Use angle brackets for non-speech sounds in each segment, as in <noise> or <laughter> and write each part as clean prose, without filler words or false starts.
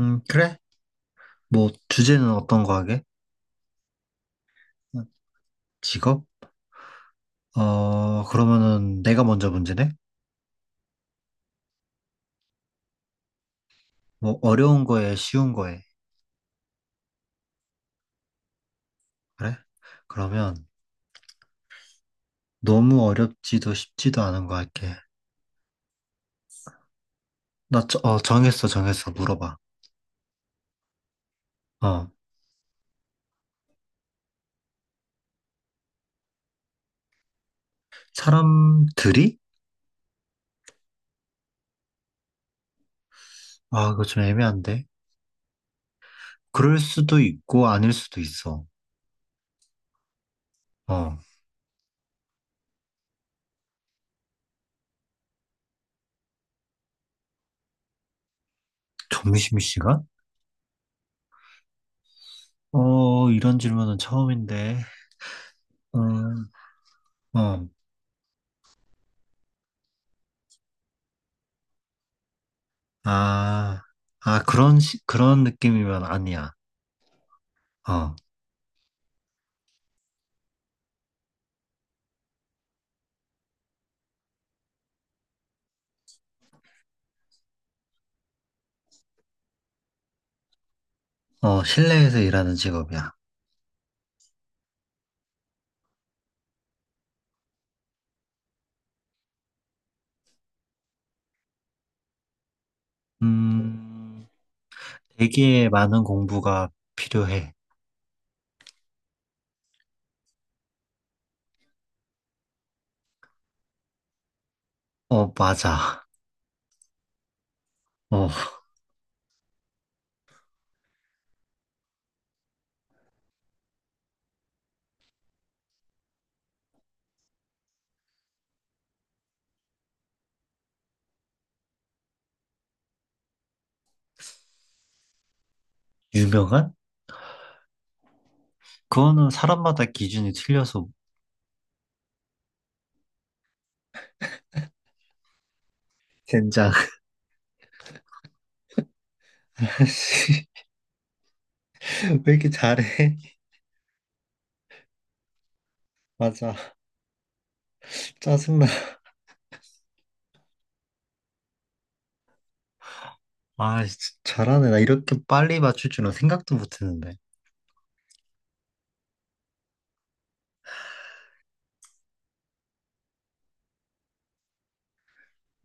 그래? 뭐, 주제는 어떤 거 하게? 직업? 그러면은 내가 먼저 문제네? 뭐, 어려운 거에 쉬운 거에. 그래? 그러면 너무 어렵지도 쉽지도 않은 거 할게. 나, 정했어, 정했어. 물어봐. 어, 사람들이? 아, 이거 좀 애매한데. 그럴 수도 있고, 아닐 수도 있어. 어, 점심시간? 어, 이런 질문은 처음인데. 음, 어, 아, 아, 그런, 그런 느낌이면 아니야. 어. 실내에서 일하는 직업이야. 음, 되게 많은 공부가 필요해. 어, 맞아. 어, 유명한? 그거는 사람마다 기준이 틀려서. 젠장. <laughs> 씨, 왜 이렇게 잘해? 맞아. 짜증나. 아, 진짜 잘하네. 나 이렇게 빨리 맞출 줄은 생각도 못 했는데.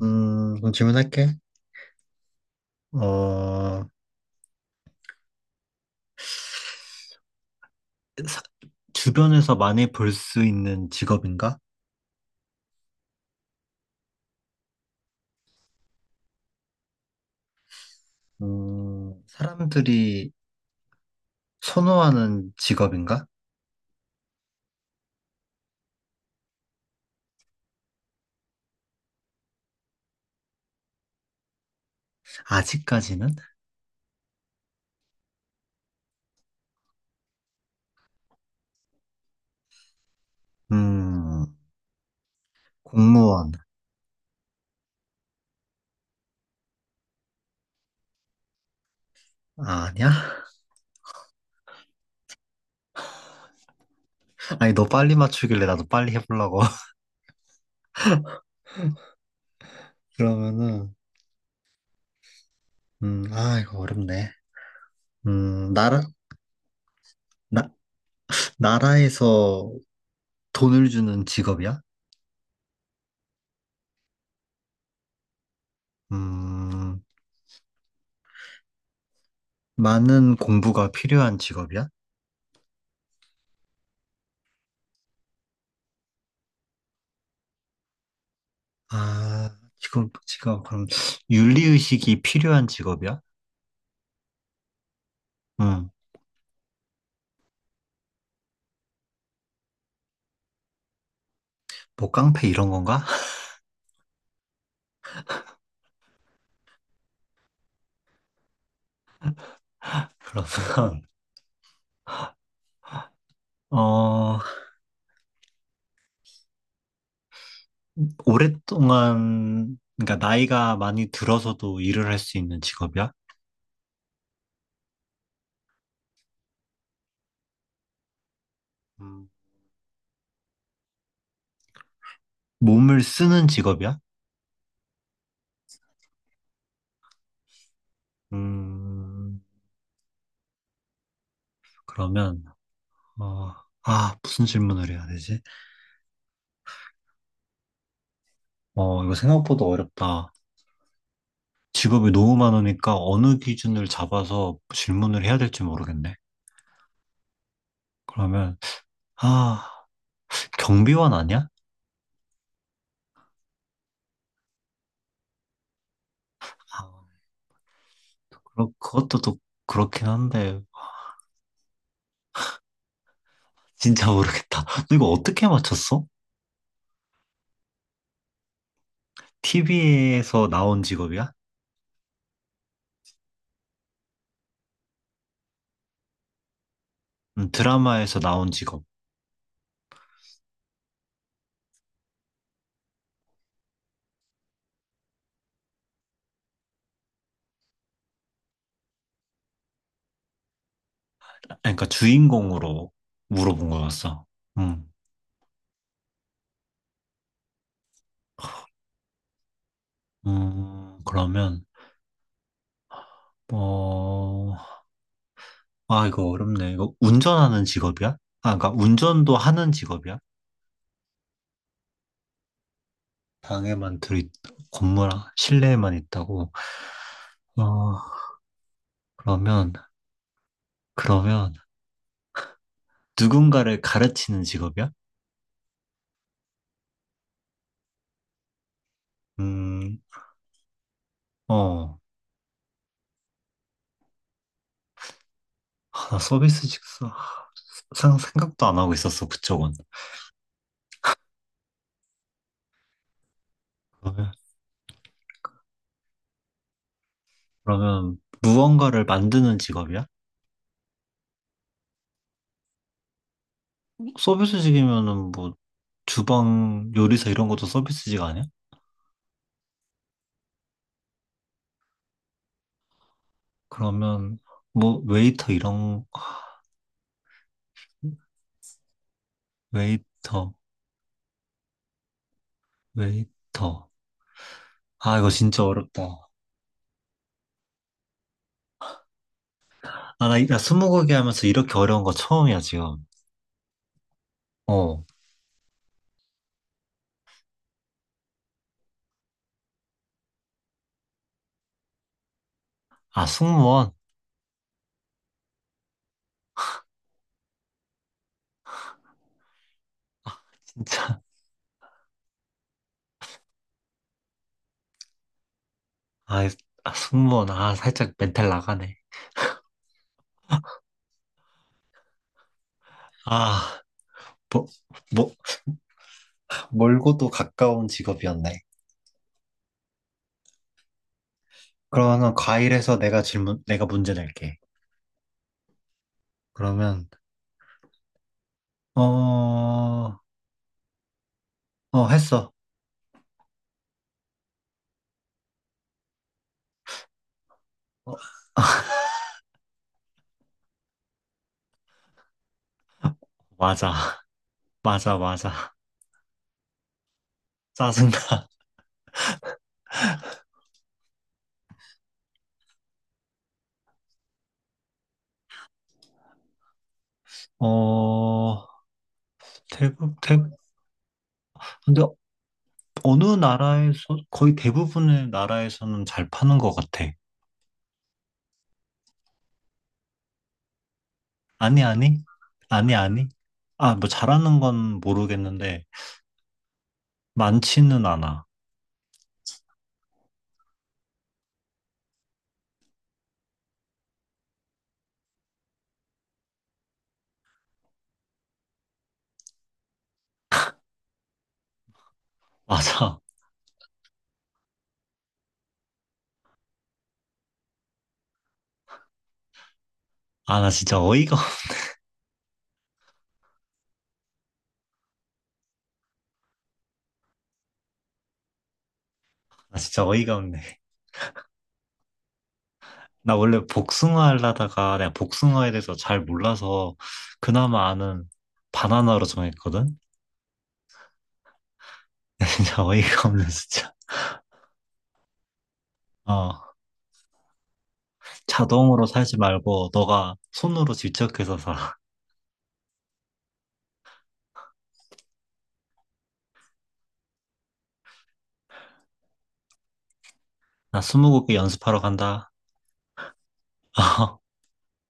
그럼 질문할게. 어, 사- 주변에서 많이 볼 수 있는 직업인가? 사람들이 선호하는 직업인가? 아직까지는? 음, 공무원. 아, 니야. 아니, 너 빨리 맞추길래 나도 빨리 해보려고. <laughs> 그러면은, 아, 이거 어렵네. 음, 나라, 나, 나라에서 돈을 주는 직업이야? 음, 많은 공부가 필요한 직업이야? 그럼, 윤리의식이 필요한 직업이야? 음, 뭐, 깡패 이런 건가? <laughs> 그러면, 어, 오랫동안, 그러니까 나이가 많이 들어서도 일을 할 수 있는 직업이야? 음, 몸을 쓰는 직업이야? 음, 그러면, 어, 아, 무슨 질문을 해야 되지? 이거 생각보다 어렵다. 직업이 너무 많으니까 어느 기준을 잡아서 질문을 해야 될지 모르겠네. 그러면, 아, 경비원 아니야? 아, 그것도 또 그렇긴 한데, 진짜 모르겠다. <laughs> 너 이거 어떻게 맞췄어? TV에서 나온 직업이야? 드라마에서 나온 직업. 아, 그러니까 주인공으로 물어본 거였어. 음, 음, 그러면, 어, 아, 이거 어렵네. 이거 운전하는 직업이야? 아, 그러니까 운전도 하는 직업이야? 방에만 들이, 건물, 실내에만 있다고. 어, 그러면, 그러면, 누군가를 가르치는 직업이야? 음, 어, 아, 나 생각도 안 하고 있었어, 그쪽은. 그러면, 그러면 무언가를 만드는 직업이야? 서비스직이면은 뭐 주방 요리사 이런 것도 서비스직 아니야? 그러면 뭐 웨이터 이런 거- 웨이터 웨이터. 아, 이거 진짜 어렵다. 아, 나 스무고개 하면서 이렇게 어려운 거 처음이야 지금. 어. 아, 승무원 진짜. 아, 이- 아, 승무원 아, 살짝 멘탈 나가네. 아, 뭐, 뭐, 멀고도 가까운 직업이었네. 그러면 과일에서 내가 문제 낼게. 그러면 어 어, 했어. 맞아. <laughs> 맞아. 짜증나. 어, 대부, 대, 근데 어느 나라에서, 거의 대부분의 나라에서는 잘 파는 것 같아. 아니, 아니? 아니. 아, 뭐 잘하는 건 모르겠는데, 많지는 않아. <laughs> 맞아. 아, 나 진짜 어이가, <laughs> 나 진짜 어이가 없네. 나 원래 복숭아 하려다가 내가 복숭아에 대해서 잘 몰라서 그나마 아는 바나나로 정했거든? <laughs> 진짜 어이가 없네, 진짜. 어. 자동으로 살지 말고 너가 손으로 직접 해서 사. <laughs> 나 스무고개 연습하러 간다. <laughs>